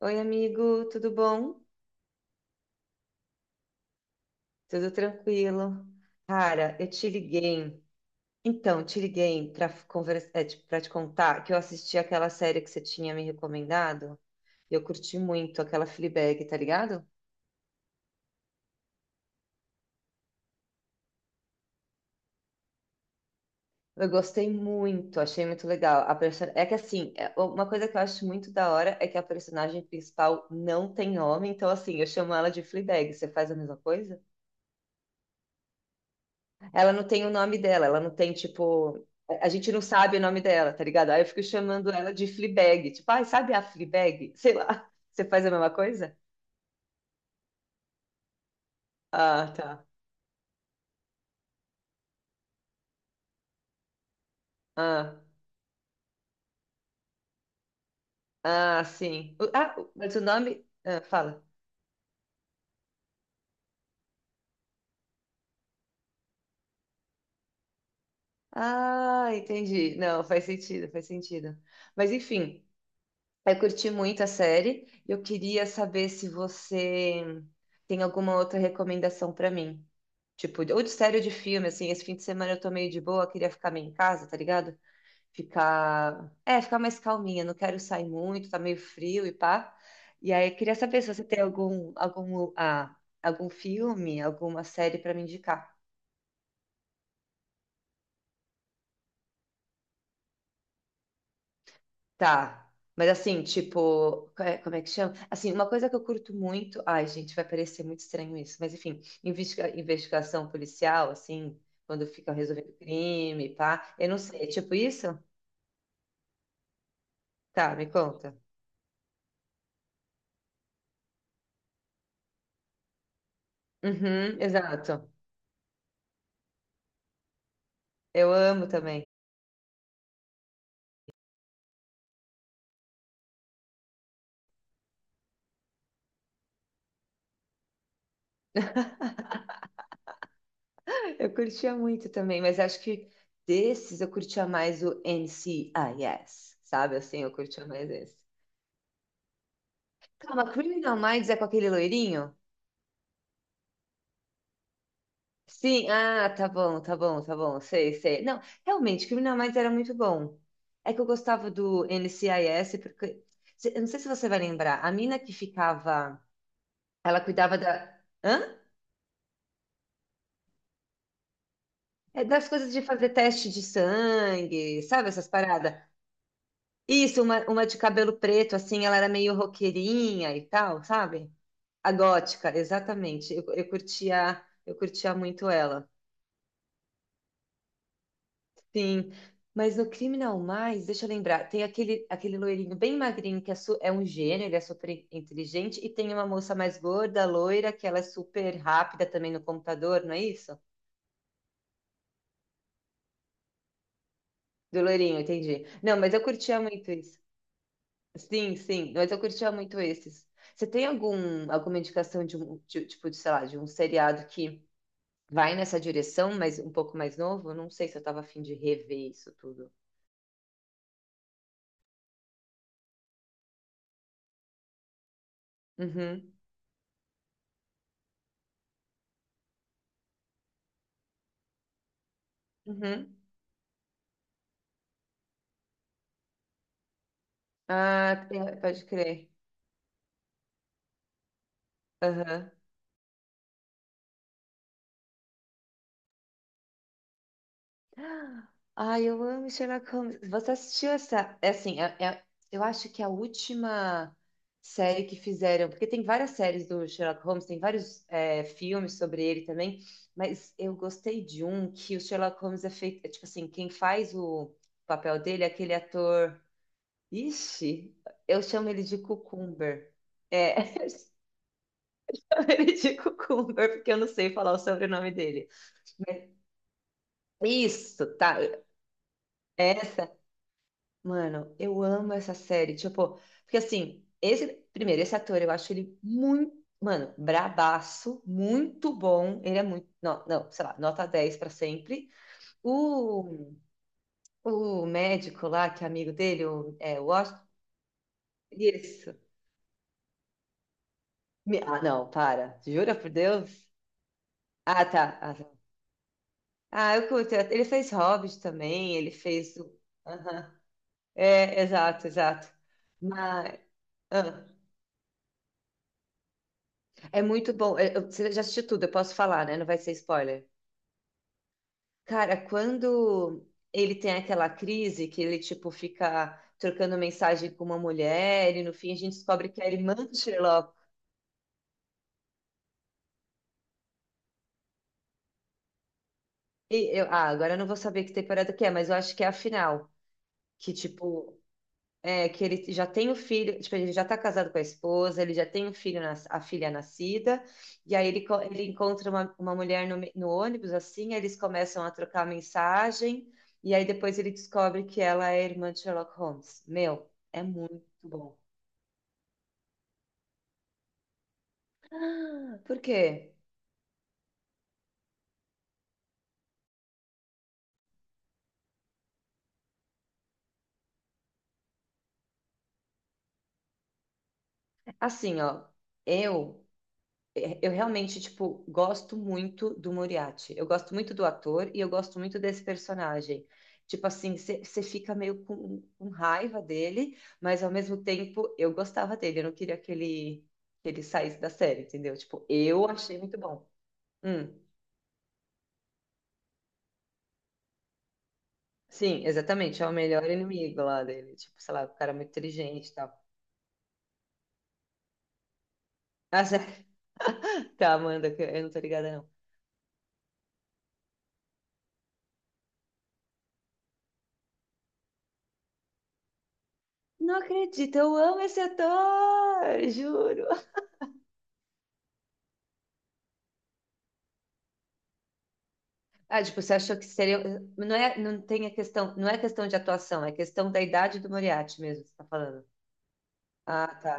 Oi, amigo, tudo bom? Tudo tranquilo? Cara, eu te liguei. Então, te liguei para conversar, para te contar que eu assisti aquela série que você tinha me recomendado e eu curti muito aquela Fleabag, tá ligado? Eu gostei muito, achei muito legal. É que assim, uma coisa que eu acho muito da hora é que a personagem principal não tem homem, então assim, eu chamo ela de Fleabag. Você faz a mesma coisa? Ela não tem o nome dela, ela não tem, tipo. A gente não sabe o nome dela, tá ligado? Aí eu fico chamando ela de Fleabag. Tipo, ai, sabe a Fleabag? Sei lá. Você faz a mesma coisa? Ah, tá. Ah, ah, sim. Ah, mas o nome. Ah, fala. Ah, entendi. Não, faz sentido, faz sentido. Mas enfim. Eu curti muito a série. Eu queria saber se você tem alguma outra recomendação pra mim. Tipo, ou de série ou de filme, assim, esse fim de semana eu tô meio de boa, queria ficar meio em casa, tá ligado? Ficar, é, ficar mais calminha, não quero sair muito, tá meio frio e pá. E aí, eu queria saber se você tem algum, algum, algum filme, alguma série pra me indicar. Tá. Mas assim, tipo, como é que chama? Assim, uma coisa que eu curto muito. Ai, gente, vai parecer muito estranho isso, mas enfim, investigação policial, assim, quando fica resolvendo crime, pá. Eu não sei, é tipo isso? Tá, me conta. Uhum, exato. Eu amo também. Eu curtia muito também, mas acho que desses eu curtia mais o NCIS, sabe? Assim, eu curtia mais esse. Calma, Criminal Minds é com aquele loirinho? Sim, ah, tá bom, tá bom, tá bom, sei, sei. Não, realmente, Criminal Minds era muito bom. É que eu gostava do NCIS, porque. Eu não sei se você vai lembrar, a mina que ficava. Ela cuidava da. Hã? É das coisas de fazer teste de sangue, sabe essas paradas? Isso, uma de cabelo preto, assim, ela era meio roqueirinha e tal, sabe? A gótica, exatamente. Eu curtia, eu curtia muito ela. Sim, mas no Criminal Mais, deixa eu lembrar, tem aquele, aquele loirinho bem magrinho é um gênio, ele é super inteligente, e tem uma moça mais gorda, loira, que ela é super rápida também no computador, não é isso? Do loirinho, entendi. Não, mas eu curtia muito isso. Sim, sim, mas eu curtia muito esses. Você tem algum, alguma indicação de um, tipo, de, sei lá, de um seriado que vai nessa direção, mas um pouco mais novo? Eu não sei se eu tava afim de rever isso tudo. Uhum, uhum. Ah, pode crer. Aham. Ai, eu amo Sherlock Holmes. Você assistiu essa? É assim, eu acho que é a última série que fizeram, porque tem várias séries do Sherlock Holmes, tem vários é, filmes sobre ele também, mas eu gostei de um que o Sherlock Holmes é feito, é tipo assim, quem faz o papel dele é aquele ator. Ixi, eu chamo ele de Cucumber. É, eu chamo ele de Cucumber, porque eu não sei falar o sobrenome dele. Mas- Isso, tá. Essa mano, eu amo essa série. Tipo, porque assim, esse, primeiro, esse ator, eu acho ele muito, mano, bradaço, muito bom. Ele é muito, não, não, sei lá, nota 10 pra sempre. O, o médico lá, que é amigo dele, o, é, o Washington, isso. Ah, não, para. Jura por Deus? Ah, tá. Ah, tá. Ah, eu curto. Ele fez Hobbit também, ele fez o... Aham. É, exato, exato. Mas... ah. É muito bom. Você já assistiu tudo, eu posso falar, né? Não vai ser spoiler. Cara, quando ele tem aquela crise que ele, tipo, fica trocando mensagem com uma mulher e no fim a gente descobre que é a irmã do Sherlock. E eu, ah, agora eu não vou saber que temporada que é, mas eu acho que é a final. Que, tipo, é, que ele já tem o filho, tipo, ele já tá casado com a esposa, ele já tem um filho, a filha nascida, e aí ele, ele encontra uma mulher no, no ônibus, assim, aí eles começam a trocar mensagem, e aí depois ele descobre que ela é irmã de Sherlock Holmes. Meu, é muito bom. Ah, por quê? Assim, ó, eu é, eu realmente, tipo, gosto muito do Moriarty. Eu gosto muito do ator e eu gosto muito desse personagem. Tipo assim, você fica meio com raiva dele, mas ao mesmo tempo eu gostava dele. Eu não queria que ele saísse da série, entendeu? Tipo, eu achei muito bom. Hum, sim, exatamente. É o melhor inimigo lá dele. Tipo, sei lá, o cara é muito inteligente e tal. Ah, sério? Tá, Amanda, que eu não tô ligada, não. Não acredito, eu amo esse ator, juro. Ah, tipo, você achou que seria. Não é, não tem a questão, não é questão de atuação, é questão da idade do Moriarty mesmo, que você tá falando. Ah, tá.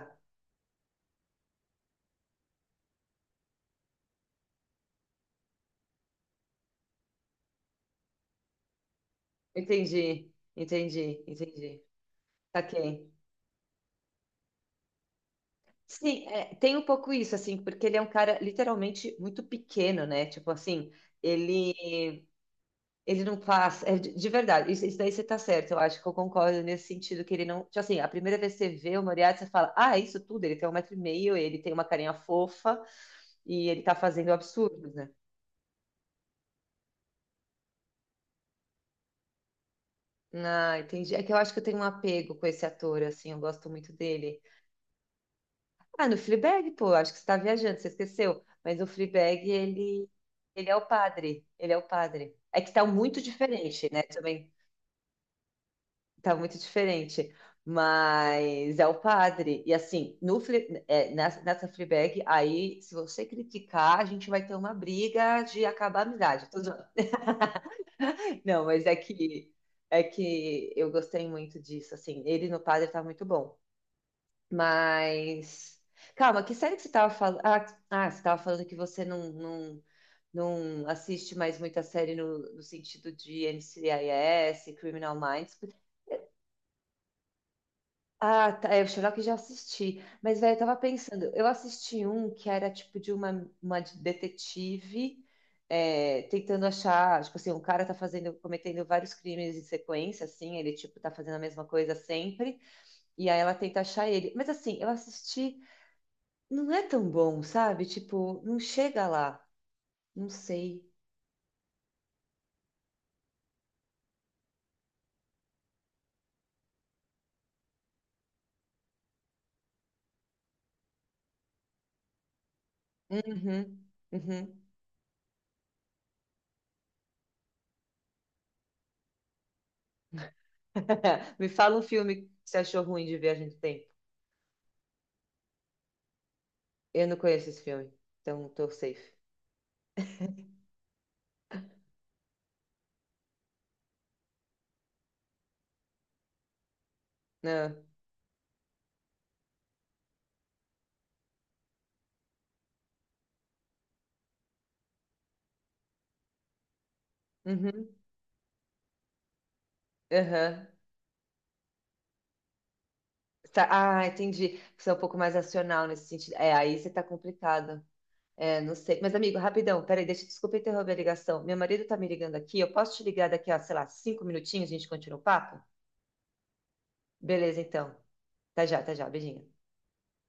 Entendi, entendi, entendi. Saquei. Sim, é, tem um pouco isso, assim, porque ele é um cara literalmente muito pequeno, né? Tipo assim, ele. Ele não faz. É, de verdade, isso daí você tá certo, eu acho que eu concordo nesse sentido, que ele não. Tipo assim, a primeira vez que você vê o Moriarty, você fala, ah, é isso tudo, ele tem 1,5 metro, ele tem uma carinha fofa e ele tá fazendo absurdos, né? Ah, entendi. É que eu acho que eu tenho um apego com esse ator, assim, eu gosto muito dele. Ah, no Fleabag, pô, acho que você tá viajando, você esqueceu. Mas o Fleabag, ele é o padre, ele é o padre. É que tá muito diferente, né? Também tá muito diferente, mas é o padre. E assim, no, nessa, nessa Fleabag, aí, se você criticar, a gente vai ter uma briga de acabar a amizade. Tô zoando. Não, mas é que eu gostei muito disso, assim, ele no padre tá muito bom. Mas. Calma, que série que você estava falando? Ah, ah, você estava falando que você não, não, não assiste mais muita série no, no sentido de NCIS, Criminal Minds. Ah, tá, é, o Sherlock eu já assisti. Mas, velho, eu tava pensando, eu assisti um que era tipo de uma detetive é, tentando achar, tipo assim, um cara tá fazendo, cometendo vários crimes em sequência, assim, ele tipo tá fazendo a mesma coisa sempre, e aí ela tenta achar ele. Mas assim, eu assisti. Não é tão bom, sabe? Tipo, não chega lá. Não sei. Uhum, uhum. Me fala um filme que você achou ruim de viagem do tempo. Eu não conheço esse filme, então tô safe. Ah, uhum, aham. Tá, ah, entendi. Você é um pouco mais racional nesse sentido. É, aí você tá complicado. É, não sei. Mas, amigo, rapidão, peraí, deixa, desculpa interromper a ligação. Meu marido tá me ligando aqui. Eu posso te ligar daqui a, sei lá, 5 minutinhos, a gente continua o papo? Beleza, então. Tá já, tá já. Beijinho.